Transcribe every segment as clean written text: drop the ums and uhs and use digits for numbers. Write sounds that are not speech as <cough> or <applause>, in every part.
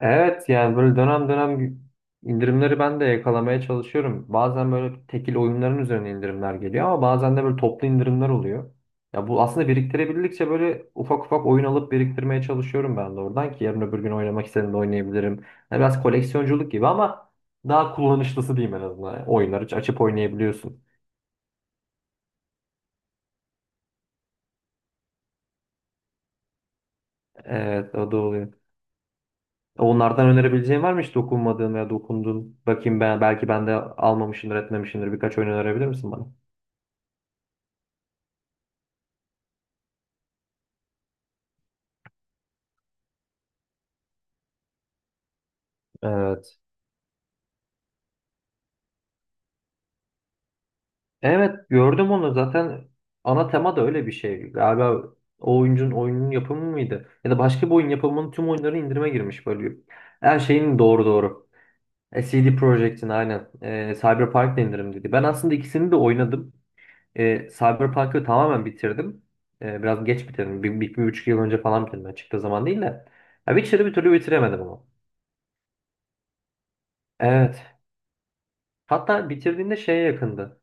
Evet yani böyle dönem dönem indirimleri ben de yakalamaya çalışıyorum. Bazen böyle tekil oyunların üzerine indirimler geliyor ama bazen de böyle toplu indirimler oluyor. Ya bu aslında biriktirebildikçe böyle ufak ufak oyun alıp biriktirmeye çalışıyorum ben de oradan ki yarın öbür gün oynamak istediğimde oynayabilirim. Yani biraz koleksiyonculuk gibi ama daha kullanışlısı diyeyim en azından. Yani oyunları açıp oynayabiliyorsun. Evet o da oluyor. Onlardan önerebileceğin var mı hiç dokunmadığın veya dokunduğun? Bakayım ben belki ben de almamışımdır etmemişimdir birkaç oyun önerebilir misin bana? Evet. Evet gördüm onu zaten ana tema da öyle bir şey. Galiba o oyuncunun oyunun yapımı mıydı? Ya da başka bir oyun yapımının tüm oyunları indirime girmiş böyle. Her şeyin doğru doğru. CD Projekt'in aynen. Cyberpunk da indirim dedi. Ben aslında ikisini de oynadım. Cyberpunk'ı tamamen bitirdim. Biraz geç bitirdim. 1,5 yıl önce falan bitirdim. Yani çıktığı zaman değil de. Ya Witcher'ı bir türlü bitiremedim ama. Evet. Hatta bitirdiğinde şeye yakındı.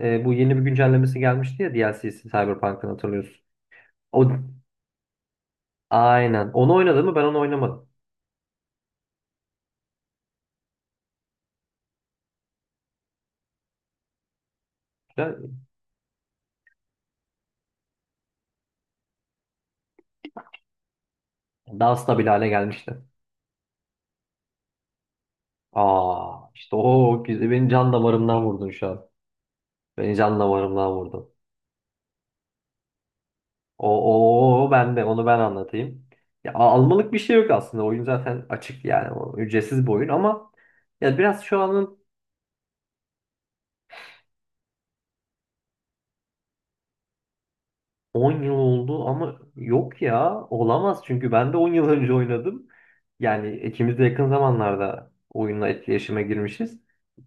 Bu yeni bir güncellemesi gelmişti ya DLC'si Cyberpunk'ın hatırlıyorsun. O. Aynen. Onu oynadı mı? Ben onu oynamadım. Daha stabil hale gelmişti. Aa, işte o güzel. Beni can damarımdan vurdun şu an. Beni can damarımdan vurdun. Ben de onu ben anlatayım. Ya, almalık bir şey yok aslında. Oyun zaten açık yani. O, ücretsiz bir oyun ama ya biraz şu anın 10 yıl oldu ama yok ya olamaz çünkü ben de 10 yıl önce oynadım. Yani ikimiz de yakın zamanlarda oyunla etkileşime girmişiz.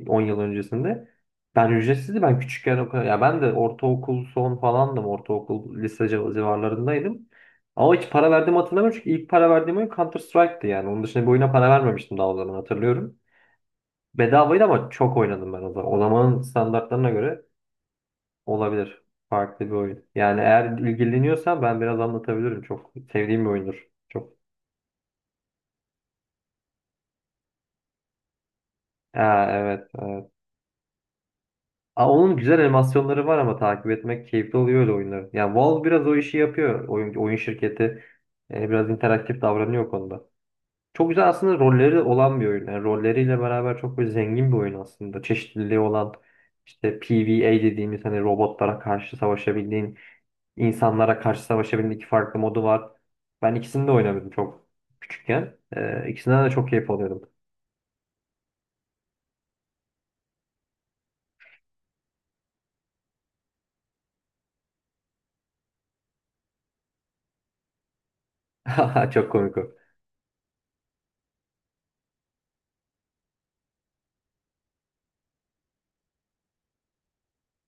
10 yıl öncesinde. Ben ücretsizdi ben küçükken o kadar. Ya ben de ortaokul son falandım. Ortaokul lise civarlarındaydım. Ama hiç para verdiğimi hatırlamıyorum çünkü ilk para verdiğim oyun Counter Strike'tı yani. Onun dışında bir oyuna para vermemiştim daha o zaman hatırlıyorum. Bedavaydı ama çok oynadım ben o zaman. O zamanın standartlarına göre olabilir. Farklı bir oyun. Yani eğer ilgileniyorsan ben biraz anlatabilirim. Çok sevdiğim bir oyundur. Çok. Ha, evet, evet. Aa, onun güzel animasyonları var ama takip etmek keyifli oluyor öyle oyunları. Yani Valve biraz o işi yapıyor. Oyun şirketi biraz interaktif davranıyor o konuda. Çok güzel aslında rolleri olan bir oyun. Yani rolleriyle beraber çok böyle zengin bir oyun aslında. Çeşitliliği olan işte PvE dediğimiz hani robotlara karşı savaşabildiğin İnsanlara karşı savaşabilme iki farklı modu var. Ben ikisini de oynadım çok küçükken. İkisinden de çok keyif alıyordum. <laughs> Çok komik o.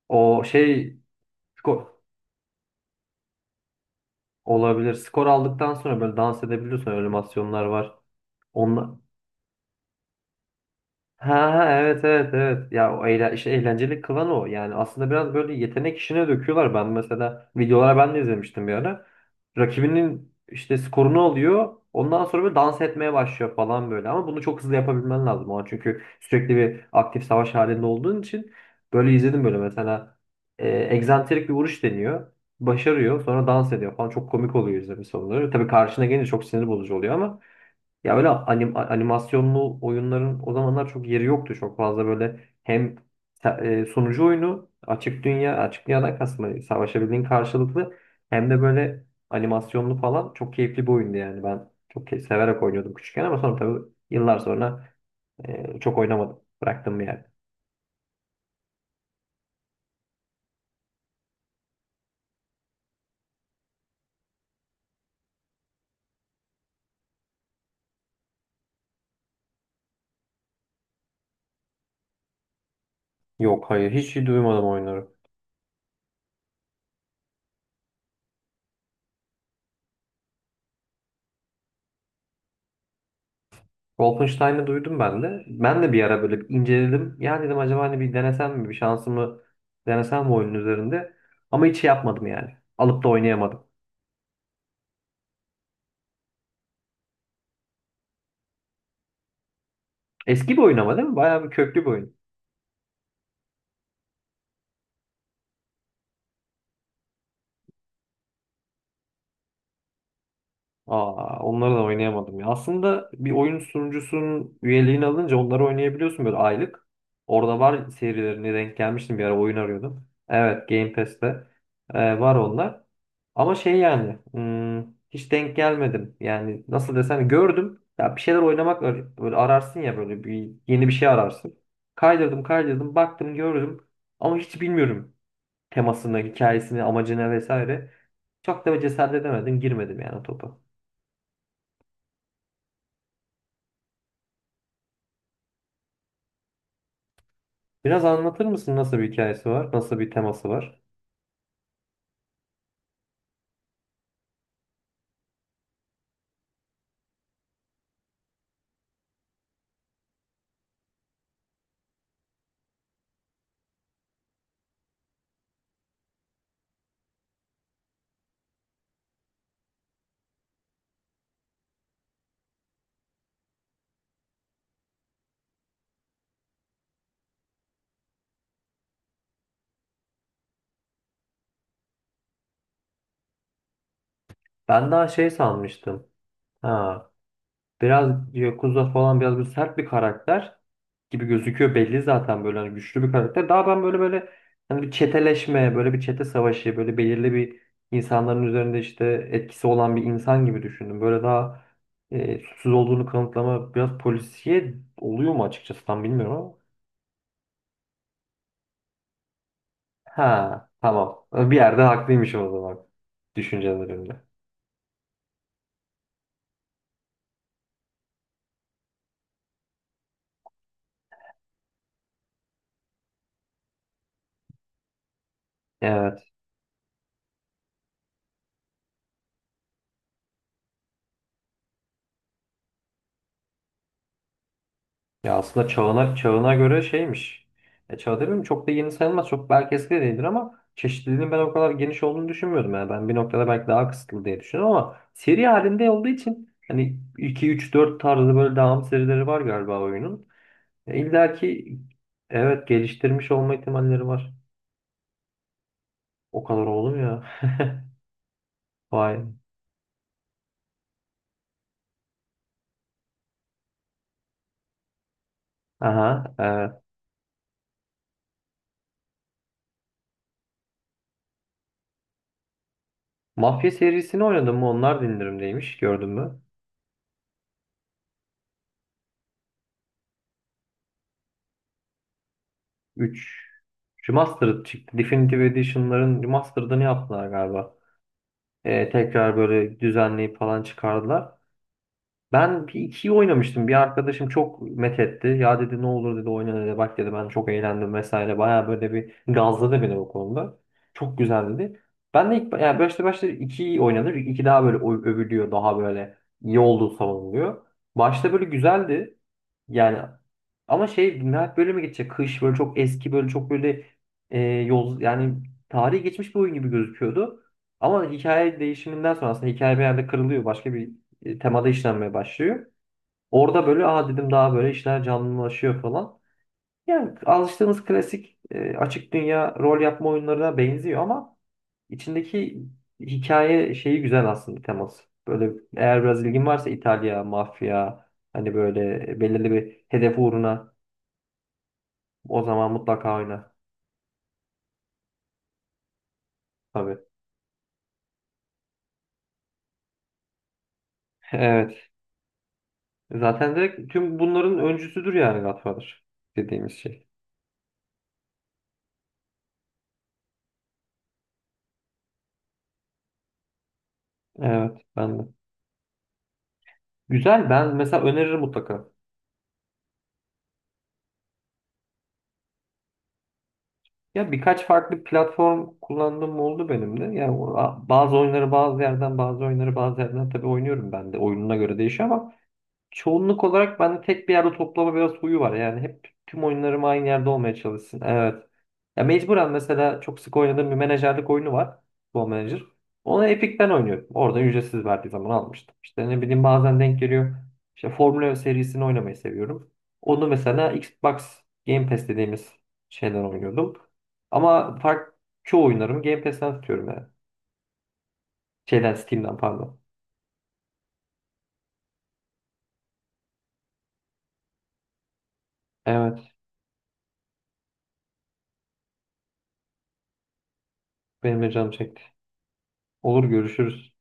O şey skor olabilir. Skor aldıktan sonra böyle dans edebiliyorsun. Öyle animasyonlar var. Onla, ha ha, evet, evet, evet. Ya o işte eğlenceli kılan o. Yani aslında biraz böyle yetenek işine döküyorlar. Ben mesela videolara ben de izlemiştim bir ara. Rakibinin işte skorunu alıyor. Ondan sonra böyle dans etmeye başlıyor falan böyle. Ama bunu çok hızlı yapabilmen lazım o an. Çünkü sürekli bir aktif savaş halinde olduğun için böyle izledim böyle mesela e, egzantrik bir vuruş deniyor. Başarıyor. Sonra dans ediyor falan. Çok komik oluyor izlemesi onları. Tabii karşına gelince çok sinir bozucu oluyor ama ya böyle animasyonlu oyunların o zamanlar çok yeri yoktu çok fazla böyle hem sunucu oyunu açık dünyadan kastım hani savaşabildiğin karşılıklı hem de böyle animasyonlu falan çok keyifli bir oyundu yani ben çok severek oynuyordum küçükken ama sonra tabii yıllar sonra çok oynamadım bıraktım bir yerde. Yok hayır hiç duymadım oyunları. Wolfenstein'ı duydum ben de. Ben de bir ara böyle bir inceledim. Ya dedim acaba hani bir denesem mi? Bir şansımı denesem mi oyunun üzerinde? Ama hiç şey yapmadım yani. Alıp da oynayamadım. Eski bir oyun ama değil mi? Bayağı bir köklü bir oyun. Aa, onları da oynayamadım ya. Aslında bir oyun sunucusunun üyeliğini alınca onları oynayabiliyorsun böyle aylık. Orada var serilerine denk gelmiştim bir ara oyun arıyordum. Evet Game Pass'te var onlar. Ama şey yani hiç denk gelmedim. Yani nasıl desem gördüm. Ya bir şeyler oynamak böyle ararsın ya böyle bir yeni bir şey ararsın. Kaydırdım kaydırdım baktım gördüm. Ama hiç bilmiyorum temasını, hikayesini, amacını vesaire. Çok da cesaret edemedim girmedim yani o topa. Biraz anlatır mısın nasıl bir hikayesi var? Nasıl bir teması var? Ben daha şey sanmıştım. Ha, biraz Yakuza falan biraz bir sert bir karakter gibi gözüküyor. Belli zaten böyle hani güçlü bir karakter. Daha ben böyle hani bir çeteleşme, böyle bir çete savaşı, böyle belirli bir insanların üzerinde işte etkisi olan bir insan gibi düşündüm. Böyle daha suçsuz olduğunu kanıtlama biraz polisiye oluyor mu açıkçası tam bilmiyorum ama. Ha, tamam. Bir yerde haklıymışım o zaman düşüncelerimde. Ya aslında çağına göre şeymiş. Çağ demeyeyim çok da yeni sayılmaz. Çok belki eski de değildir ama çeşitliliğin ben o kadar geniş olduğunu düşünmüyordum. Yani ben bir noktada belki daha kısıtlı diye düşünüyorum ama seri halinde olduğu için hani iki üç dört tarzı böyle devam serileri var galiba oyunun. İlla ki evet geliştirmiş olma ihtimalleri var. O kadar oğlum ya. <laughs> Vay. Aha, evet. Mafya serisini oynadım mı? Onlar da indirimdeymiş. Gördün mü? 3 Remastered çıktı. Definitive Edition'ların Remastered'ını yaptılar galiba. Tekrar böyle düzenleyip falan çıkardılar. Ben bir ikiyi oynamıştım. Bir arkadaşım çok methetti. Ya dedi ne olur dedi oyna dedi. Bak dedi ben çok eğlendim vesaire. Baya böyle bir gazladı beni o konuda. Çok güzel dedi. Ben de ilk yani başta başta ikiyi oynadım. İki daha böyle övülüyor. Daha böyle iyi olduğu savunuluyor. Başta böyle güzeldi. Yani ama şey nihayet böyle mi geçecek? Kış böyle çok eski böyle çok böyle yol yani tarihi geçmiş bir oyun gibi gözüküyordu. Ama hikaye değişiminden sonra aslında hikaye bir yerde kırılıyor. Başka bir temada işlenmeye başlıyor. Orada böyle aa dedim daha böyle işler canlılaşıyor falan. Yani alıştığımız klasik açık dünya rol yapma oyunlarına benziyor ama içindeki hikaye şeyi güzel aslında teması. Böyle eğer biraz ilgin varsa İtalya, mafya hani böyle belirli bir hedef uğruna o zaman mutlaka oyna. Tabii. <laughs> Evet. Zaten direkt tüm bunların öncüsüdür yani Godfather dediğimiz şey. Evet ben de. Güzel ben mesela öneririm mutlaka. Ya birkaç farklı platform kullandığım oldu benim de. Ya bazı oyunları bazı yerden, bazı oyunları bazı yerden tabii oynuyorum ben de. Oyununa göre değişiyor ama çoğunluk olarak bende tek bir yerde toplama biraz huyu var. Yani hep tüm oyunlarım aynı yerde olmaya çalışsın. Evet. Ya mecburen mesela çok sık oynadığım bir menajerlik oyunu var. Football Manager. Onu Epic'ten oynuyorum. Orada ücretsiz verdiği zaman almıştım. İşte ne bileyim bazen denk geliyor. İşte Formula serisini oynamayı seviyorum. Onu mesela Xbox Game Pass dediğimiz şeyden oynuyordum. Ama fark çoğu oyunlarımı Game Pass'ten tutuyorum yani. Şeyden Steam'den pardon. Evet benim de canım çekti. Olur görüşürüz.